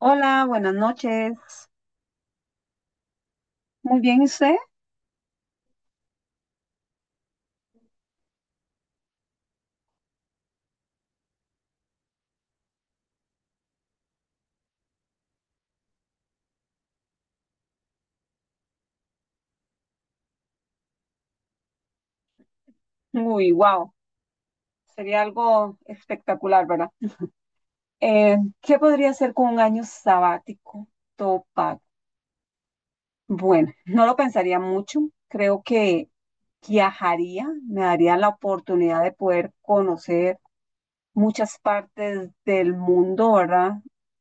Hola, buenas noches. Muy bien, ¿y usted? Uy, wow. Sería algo espectacular, ¿verdad? ¿Qué podría hacer con un año sabático todo pago? Bueno, no lo pensaría mucho. Creo que viajaría, me daría la oportunidad de poder conocer muchas partes del mundo, ¿verdad?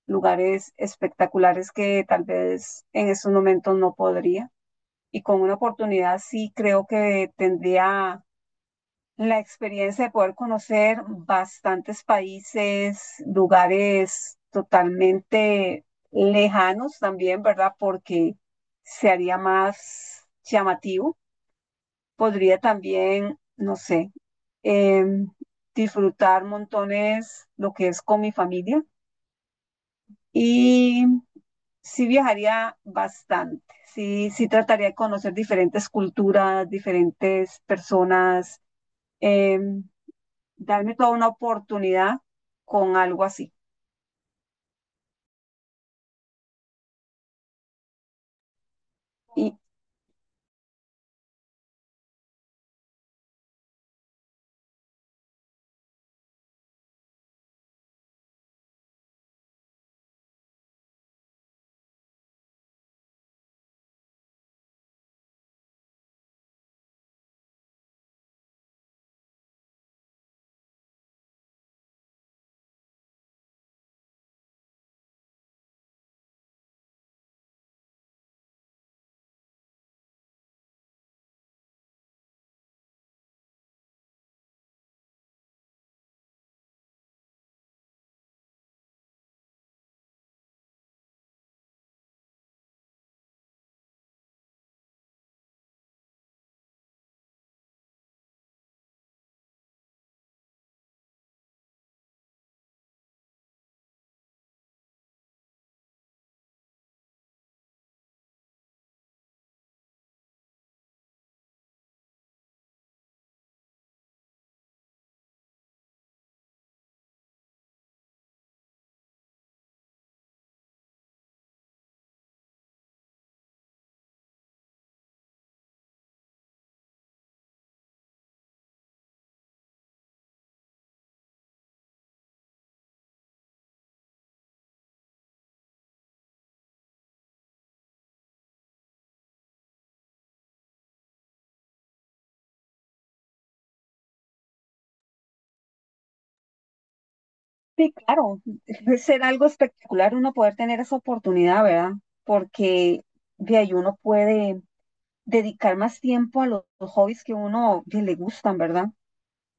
Lugares espectaculares que tal vez en estos momentos no podría. Y con una oportunidad sí creo que tendría la experiencia de poder conocer bastantes países, lugares totalmente lejanos también, ¿verdad? Porque se haría más llamativo. Podría también, no sé, em, disfrutar montones lo que es con mi familia y sí viajaría bastante. Sí, sí trataría de conocer diferentes culturas, diferentes personas. em, Darme toda una oportunidad con algo así. Y sí, claro, debe ser algo espectacular uno poder tener esa oportunidad, ¿verdad? Porque de ahí uno puede dedicar más tiempo a los hobbies que uno que le gustan, ¿verdad?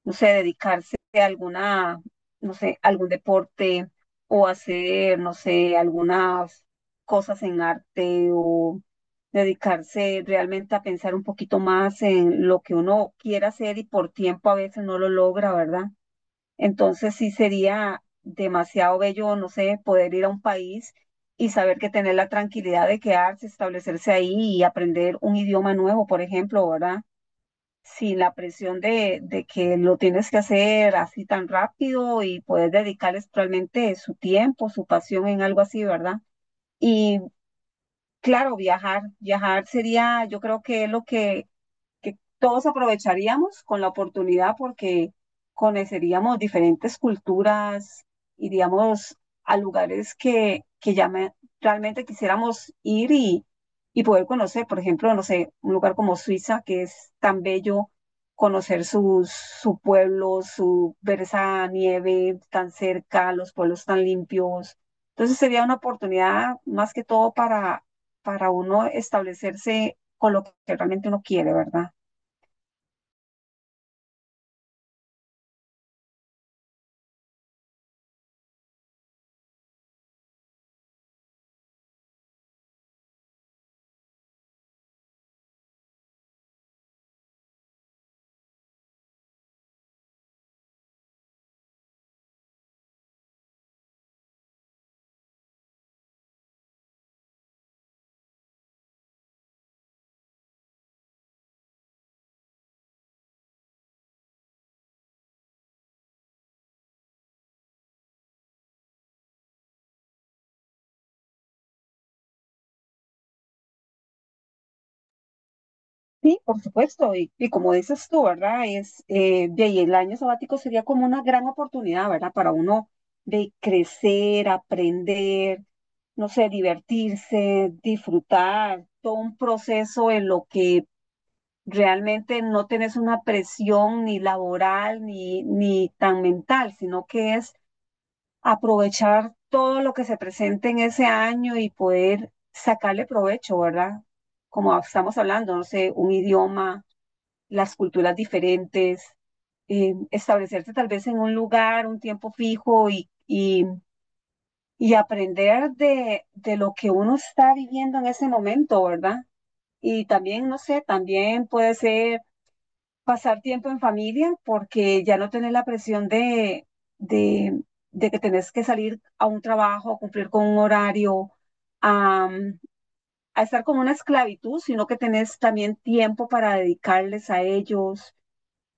No sé, dedicarse a alguna, no sé, algún deporte o hacer, no sé, algunas cosas en arte o dedicarse realmente a pensar un poquito más en lo que uno quiera hacer y por tiempo a veces no lo logra, ¿verdad? Entonces sí sería demasiado bello, no sé, poder ir a un país y saber que tener la tranquilidad de quedarse, establecerse ahí y aprender un idioma nuevo, por ejemplo, ¿verdad? Sin la presión de que lo tienes que hacer así tan rápido y poder dedicarles realmente su tiempo, su pasión en algo así, ¿verdad? Y claro, viajar, viajar sería, yo creo que es lo que todos aprovecharíamos con la oportunidad porque conoceríamos diferentes culturas, iríamos a lugares realmente quisiéramos ir y poder conocer, por ejemplo, no sé, un lugar como Suiza, que es tan bello, conocer sus, su pueblo, su, ver esa nieve tan cerca, los pueblos tan limpios. Entonces sería una oportunidad más que todo para uno establecerse con lo que realmente uno quiere, ¿verdad? Por supuesto, y como dices tú, ¿verdad? Es, de ahí el año sabático sería como una gran oportunidad, ¿verdad? Para uno de crecer, aprender, no sé, divertirse, disfrutar, todo un proceso en lo que realmente no tenés una presión ni laboral ni tan mental, sino que es aprovechar todo lo que se presente en ese año y poder sacarle provecho, ¿verdad? Como estamos hablando, no sé, un idioma, las culturas diferentes, establecerse tal vez en un lugar, un tiempo fijo y aprender de lo que uno está viviendo en ese momento, ¿verdad? Y también, no sé, también puede ser pasar tiempo en familia porque ya no tenés la presión de, de que tenés que salir a un trabajo, a cumplir con un horario, a, a estar como una esclavitud, sino que tenés también tiempo para dedicarles a ellos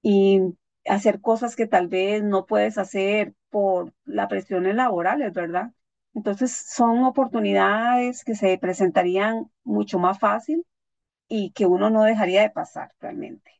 y hacer cosas que tal vez no puedes hacer por las presiones laborales, ¿verdad? Entonces son oportunidades que se presentarían mucho más fácil y que uno no dejaría de pasar realmente.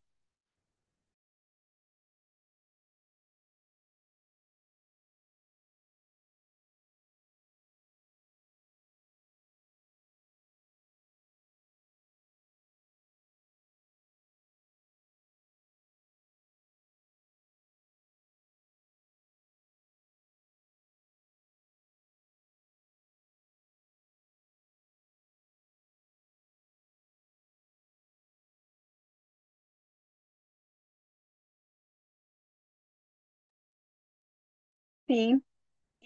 Sí.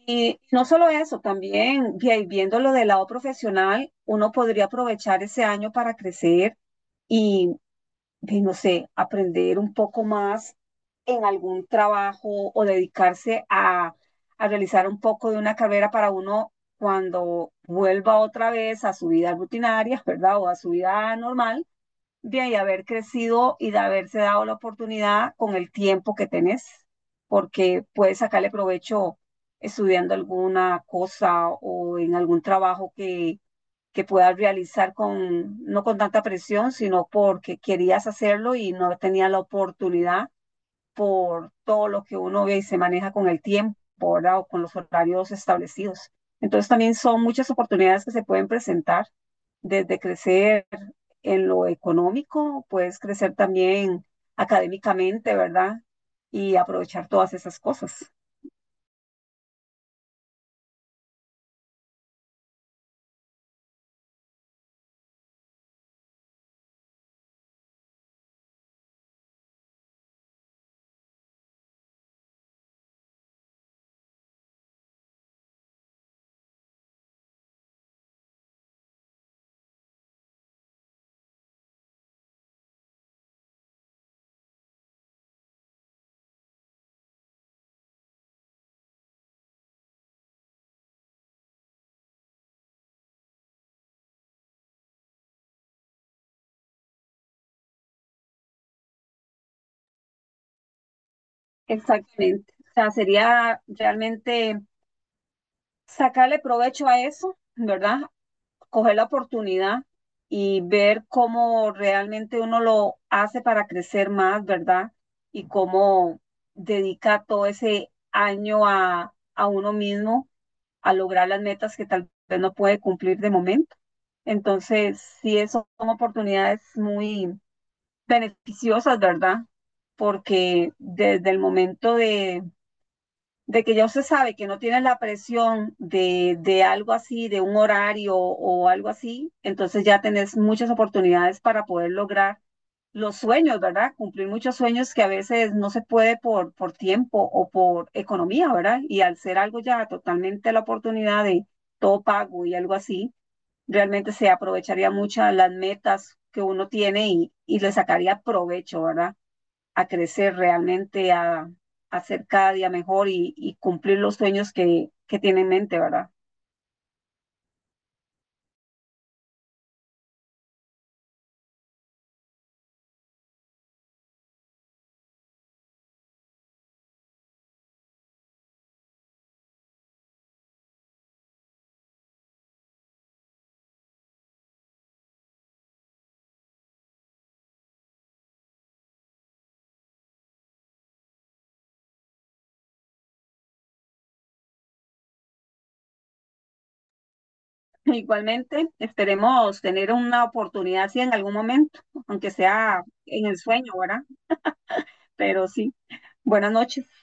Y no solo eso, también viéndolo del lado profesional, uno podría aprovechar ese año para crecer y, y no sé, aprender un poco más en algún trabajo o dedicarse a realizar un poco de una carrera para uno cuando vuelva otra vez a su vida rutinaria, ¿verdad? O a su vida normal, de ahí haber crecido y de haberse dado la oportunidad con el tiempo que tenés, porque puedes sacarle provecho estudiando alguna cosa o en algún trabajo que puedas realizar con, no con tanta presión, sino porque querías hacerlo y no tenías la oportunidad por todo lo que uno ve y se maneja con el tiempo, ¿verdad? O con los horarios establecidos. Entonces también son muchas oportunidades que se pueden presentar, desde crecer en lo económico, puedes crecer también académicamente, ¿verdad? Y aprovechar todas esas cosas. Exactamente. O sea, sería realmente sacarle provecho a eso, ¿verdad? Coger la oportunidad y ver cómo realmente uno lo hace para crecer más, ¿verdad? Y cómo dedica todo ese año a uno mismo a lograr las metas que tal vez no puede cumplir de momento. Entonces, sí, eso son oportunidades muy beneficiosas, ¿verdad? Porque desde el momento de que ya usted sabe que no tienes la presión de algo así, de un horario o algo así, entonces ya tenés muchas oportunidades para poder lograr los sueños, ¿verdad? Cumplir muchos sueños que a veces no se puede por tiempo o por economía, ¿verdad? Y al ser algo ya totalmente la oportunidad de todo pago y algo así, realmente se aprovecharía muchas las metas que uno tiene y le sacaría provecho, ¿verdad? A crecer realmente, a ser cada día mejor y cumplir los sueños que tiene en mente, ¿verdad? Igualmente, esperemos tener una oportunidad, sí, en algún momento, aunque sea en el sueño, ¿verdad? Pero sí, buenas noches.